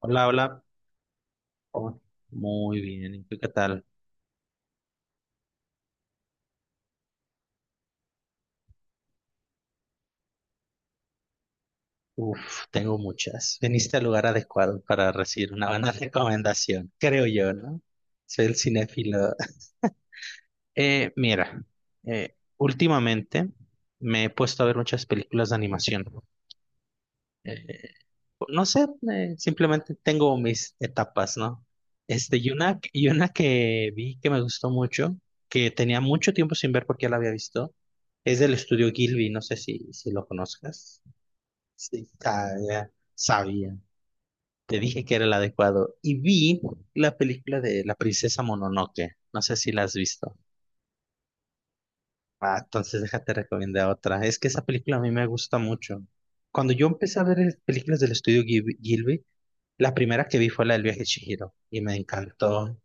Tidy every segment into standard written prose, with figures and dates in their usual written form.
Hola, hola. Oh, muy bien, ¿y tú qué tal? Uf, tengo muchas. Viniste al lugar adecuado para recibir una buena recomendación, creo yo, ¿no? Soy el cinéfilo. Mira, últimamente me he puesto a ver muchas películas de animación. Eh, no sé, simplemente tengo mis etapas, ¿no? Y una que vi que me gustó mucho, que tenía mucho tiempo sin ver porque ya la había visto, es del estudio Gilby, no sé si lo conozcas. Sí, ah, ya, sabía, te dije que era el adecuado. Y vi la película de La princesa Mononoke, no sé si la has visto. Ah, entonces déjate recomendar otra. Es que esa película a mí me gusta mucho. Cuando yo empecé a ver películas del estudio Gilby, la primera que vi fue la del viaje de Chihiro y me encantó.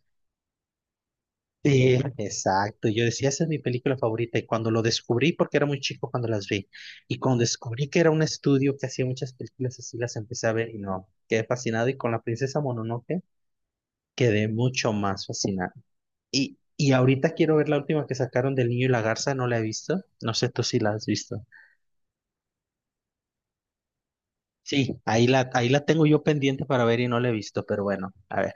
Sí, exacto. Yo decía, esa es mi película favorita. Y cuando lo descubrí, porque era muy chico cuando las vi, y cuando descubrí que era un estudio que hacía muchas películas así, las empecé a ver y no, quedé fascinado. Y con la princesa Mononoke quedé mucho más fascinado. Y ahorita quiero ver la última que sacaron del niño y la garza, no la he visto. No sé tú si la has visto. Sí, ahí la tengo yo pendiente para ver y no la he visto, pero bueno, a ver.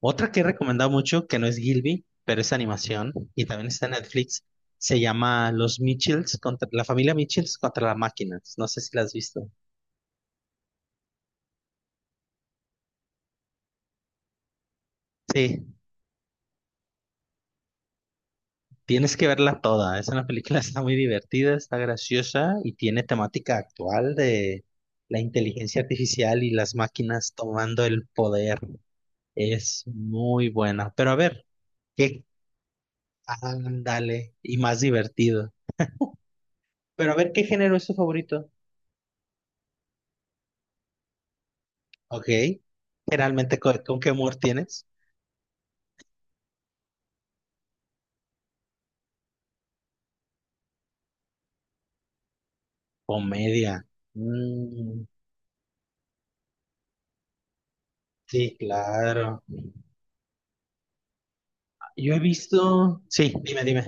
Otra que he recomendado mucho, que no es Gilby, pero es animación y también está en Netflix, se llama Los Mitchells contra la familia Mitchells contra las máquinas. No sé si la has visto. Sí, tienes que verla toda. Es una película, está muy divertida, está graciosa y tiene temática actual de la inteligencia artificial y las máquinas tomando el poder. Es muy buena. Pero a ver, qué ándale y más divertido. Pero a ver, ¿qué género es tu favorito? Ok. Generalmente, ¿con qué humor tienes? Comedia. Mm, sí, claro. Yo he visto. Sí, dime, dime.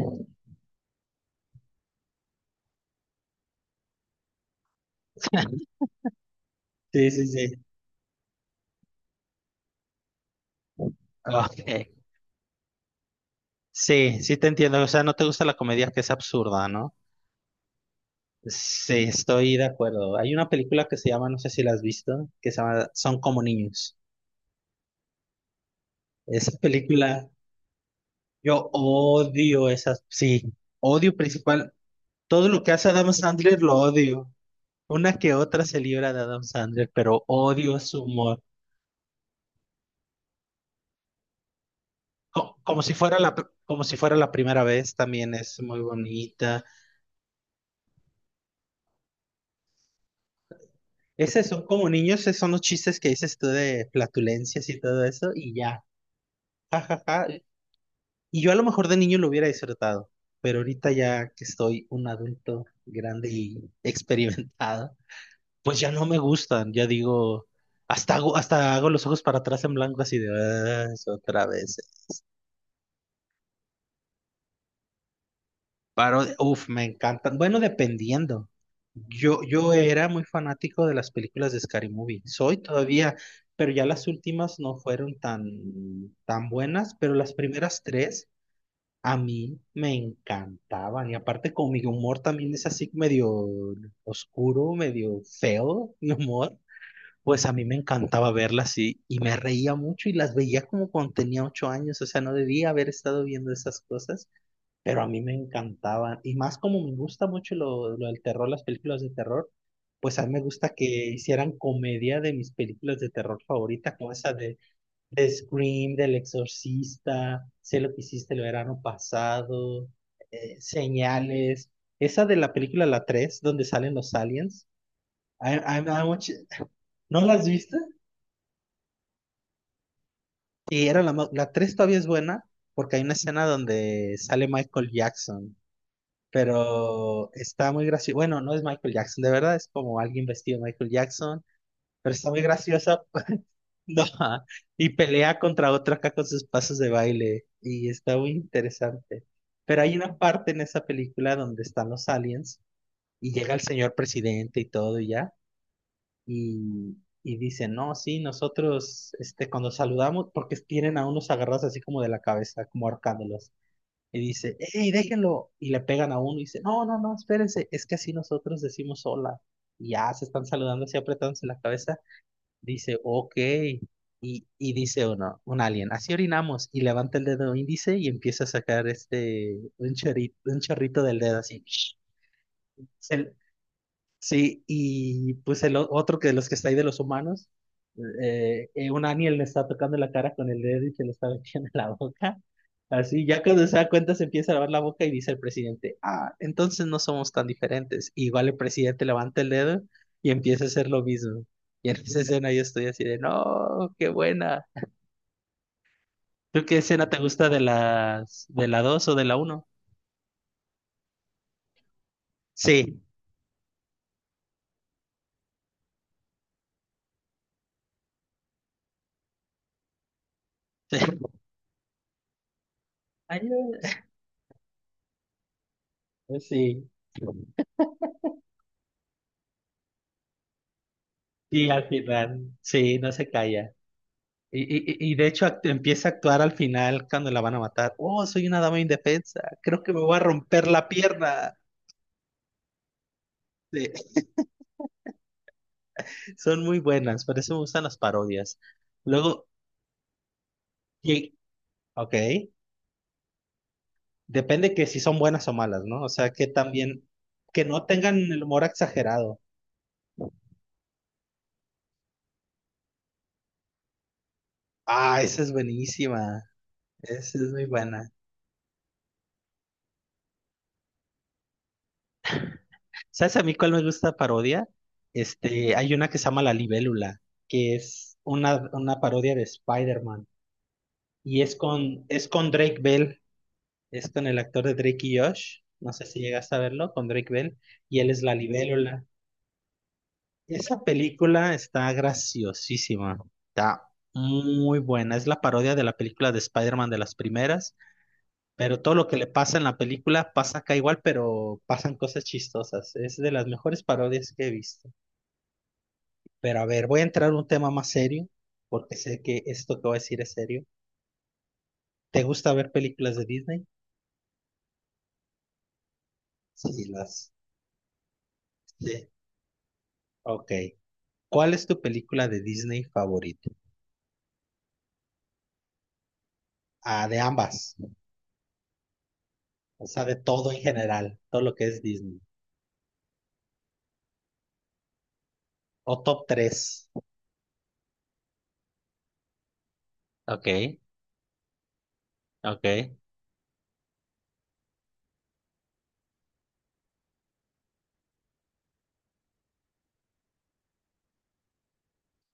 Sí, sí, sí. Ok. Sí, sí te entiendo. O sea, no te gusta la comedia que es absurda, ¿no? Sí, estoy de acuerdo. Hay una película que se llama, no sé si la has visto, que se llama Son como niños. Esa película, yo odio esas, sí, odio principal. Todo lo que hace Adam Sandler lo odio. Una que otra se libra de Adam Sandler, pero odio su humor. Como si fuera la primera vez, también es muy bonita. Es eso, como niños, esos son los chistes que dices tú de flatulencias y todo eso, y ya. Ajá. Y yo a lo mejor de niño lo hubiera disfrutado, pero ahorita ya que estoy un adulto grande y experimentado, pues ya no me gustan. Ya digo, hasta hago los ojos para atrás en blanco, así de, "Ah, es otra vez". Parodia, uf, me encantan. Bueno, dependiendo. Yo era muy fanático de las películas de Scary Movie. Soy todavía, pero ya las últimas no fueron tan, tan buenas, pero las primeras tres a mí me encantaban. Y aparte con mi humor también es así medio oscuro, medio feo, mi humor. Pues a mí me encantaba verlas y me reía mucho y las veía como cuando tenía 8 años, o sea, no debía haber estado viendo esas cosas, pero a mí me encantaban. Y más como me gusta mucho lo del terror, las películas de terror, pues a mí me gusta que hicieran comedia de mis películas de terror favoritas, como esa de Scream, del Exorcista, Sé lo que hiciste el verano pasado, Señales, esa de la película La 3 donde salen los aliens. I- I'm- I'm watch- ¿No las viste? Y era la 3 todavía es buena porque hay una escena donde sale Michael Jackson pero está muy gracioso. Bueno, no es Michael Jackson, de verdad, es como alguien vestido de Michael Jackson, pero está muy graciosa. No, ajá, y pelea contra otro acá con sus pasos de baile y está muy interesante. Pero hay una parte en esa película donde están los aliens y llega el señor presidente y todo y ya y, y dice, no, sí, nosotros cuando saludamos, porque tienen a unos agarrados así como de la cabeza, como ahorcándolos, y dice, hey, déjenlo. Y le pegan a uno y dice, no, no, no, espérense, es que así nosotros decimos hola. Y ya se están saludando así apretándose la cabeza. Dice, ok. Y dice uno, un alien, así orinamos. Y levanta el dedo índice y empieza a sacar un chorrito del dedo así. Se, Sí, y pues el otro que de los que está ahí de los humanos, un alien le está tocando la cara con el dedo y se lo está metiendo en la boca. Así, ya cuando se da cuenta se empieza a lavar la boca y dice el presidente, ah, entonces no somos tan diferentes. Y igual el presidente levanta el dedo y empieza a hacer lo mismo. Y en esa escena yo estoy así de, no, qué buena. ¿Tú qué escena te gusta de de la dos o de la uno? Sí. Ay, sí, sí, al final, sí, no se calla. Y de hecho empieza a actuar al final cuando la van a matar. Oh, soy una dama indefensa. Creo que me voy a romper la pierna. Sí, son muy buenas, por eso me gustan las parodias. Luego, y- ok, depende que si son buenas o malas, ¿no? O sea, que también, que no tengan el humor exagerado. Ah, esa es buenísima. Esa es muy buena. ¿Sabes a mí cuál me gusta parodia? Hay una que se llama La Libélula, que es una parodia de Spider-Man. Y es con Drake Bell, es con el actor de Drake y Josh, no sé si llegas a verlo, con Drake Bell, y él es la libélula. Esa película está graciosísima, está muy buena, es la parodia de la película de Spider-Man de las primeras, pero todo lo que le pasa en la película pasa acá igual, pero pasan cosas chistosas, es de las mejores parodias que he visto. Pero a ver, voy a entrar a un tema más serio, porque sé que esto que voy a decir es serio. ¿Te gusta ver películas de Disney? Sí, las... Sí. Ok. ¿Cuál es tu película de Disney favorita? Ah, de ambas. O sea, de todo en general. Todo lo que es Disney. O top 3, ok, ok.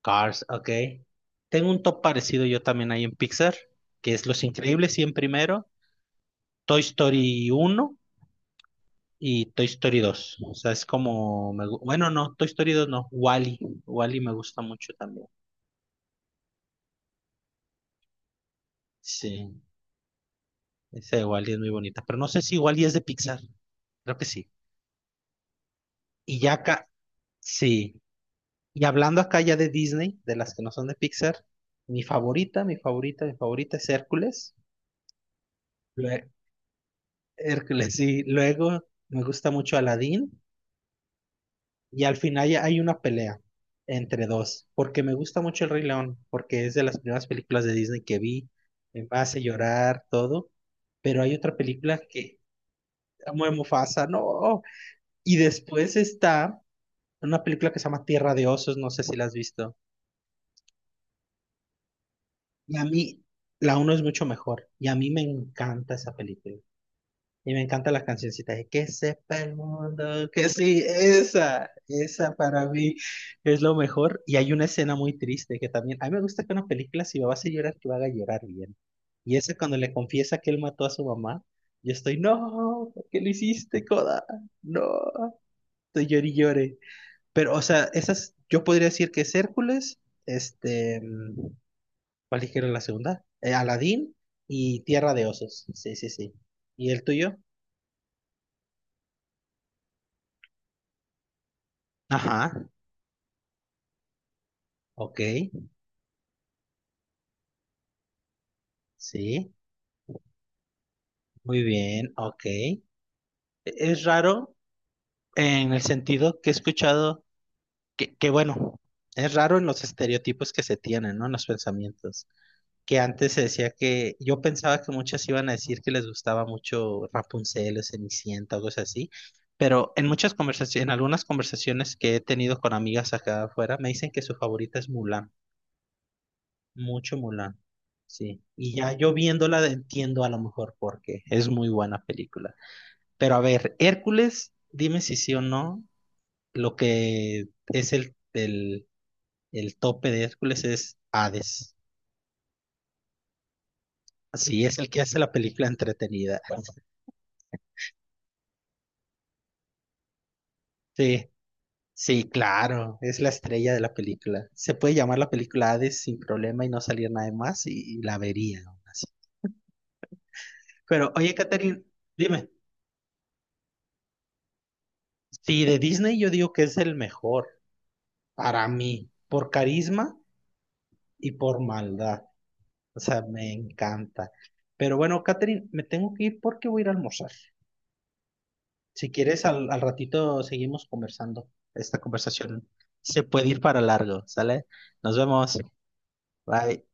Cars, ok. Tengo un top parecido yo también ahí en Pixar, que es Los Increíbles 100 primero, Toy Story 1 y Toy Story 2. O sea, es como... bueno, no, Toy Story 2 no. Wally. Wally me gusta mucho también. Sí, ese de Wally es muy bonita. Pero no sé si Wally es de Pixar. Creo que sí. Y ya acá, sí. Y hablando acá ya de Disney, de las que no son de Pixar, mi favorita, mi favorita, mi favorita es Hércules. Lue- Hércules, sí. Luego me gusta mucho Aladdin. Y al final ya hay una pelea entre dos. Porque me gusta mucho El Rey León, porque es de las primeras películas de Disney que vi. Me hace llorar, todo. Pero hay otra película que amo de Mufasa, no. Y después está una película que se llama Tierra de Osos, no sé si la has visto. Y a mí, la uno es mucho mejor. Y a mí me encanta esa película. Y me encanta las cancioncitas de que sepa el mundo, que sí, esa para mí es lo mejor. Y hay una escena muy triste que también, a mí me gusta que una película, si me vas a llorar, que me haga llorar bien. Y esa cuando le confiesa que él mató a su mamá, yo estoy, no, ¿por qué lo hiciste, Coda? No, estoy llore y llore. Pero, o sea, esas, yo podría decir que es Hércules, este, ¿cuál dijeron la segunda? Aladdin y Tierra de Osos. Sí, sí, sí. ¿Y el tuyo? Ajá. Ok. Sí. Muy bien. Ok. Es raro en el sentido que he escuchado que bueno, es raro en los estereotipos que se tienen, ¿no? En los pensamientos. Que antes se decía que yo pensaba que muchas iban a decir que les gustaba mucho Rapunzel o Cenicienta o cosas así. Pero en muchas conversaciones, en algunas conversaciones que he tenido con amigas acá afuera, me dicen que su favorita es Mulan. Mucho Mulan, sí. Y ya yo viéndola entiendo a lo mejor por qué. Es muy buena película. Pero a ver, Hércules, dime si sí o no. Lo que es el tope de Hércules es Hades. Sí, es el que hace la película entretenida. Sí, sí, claro. Es la estrella de la película. Se puede llamar la película Hades sin problema y no salir nada más y la vería aún así. Pero oye, Catherine, dime. Sí, de Disney yo digo que es el mejor, para mí, por carisma y por maldad. O sea, me encanta. Pero bueno, Catherine, me tengo que ir porque voy a ir a almorzar. Si quieres, al ratito seguimos conversando. Esta conversación se puede ir para largo, ¿sale? Nos vemos. Bye.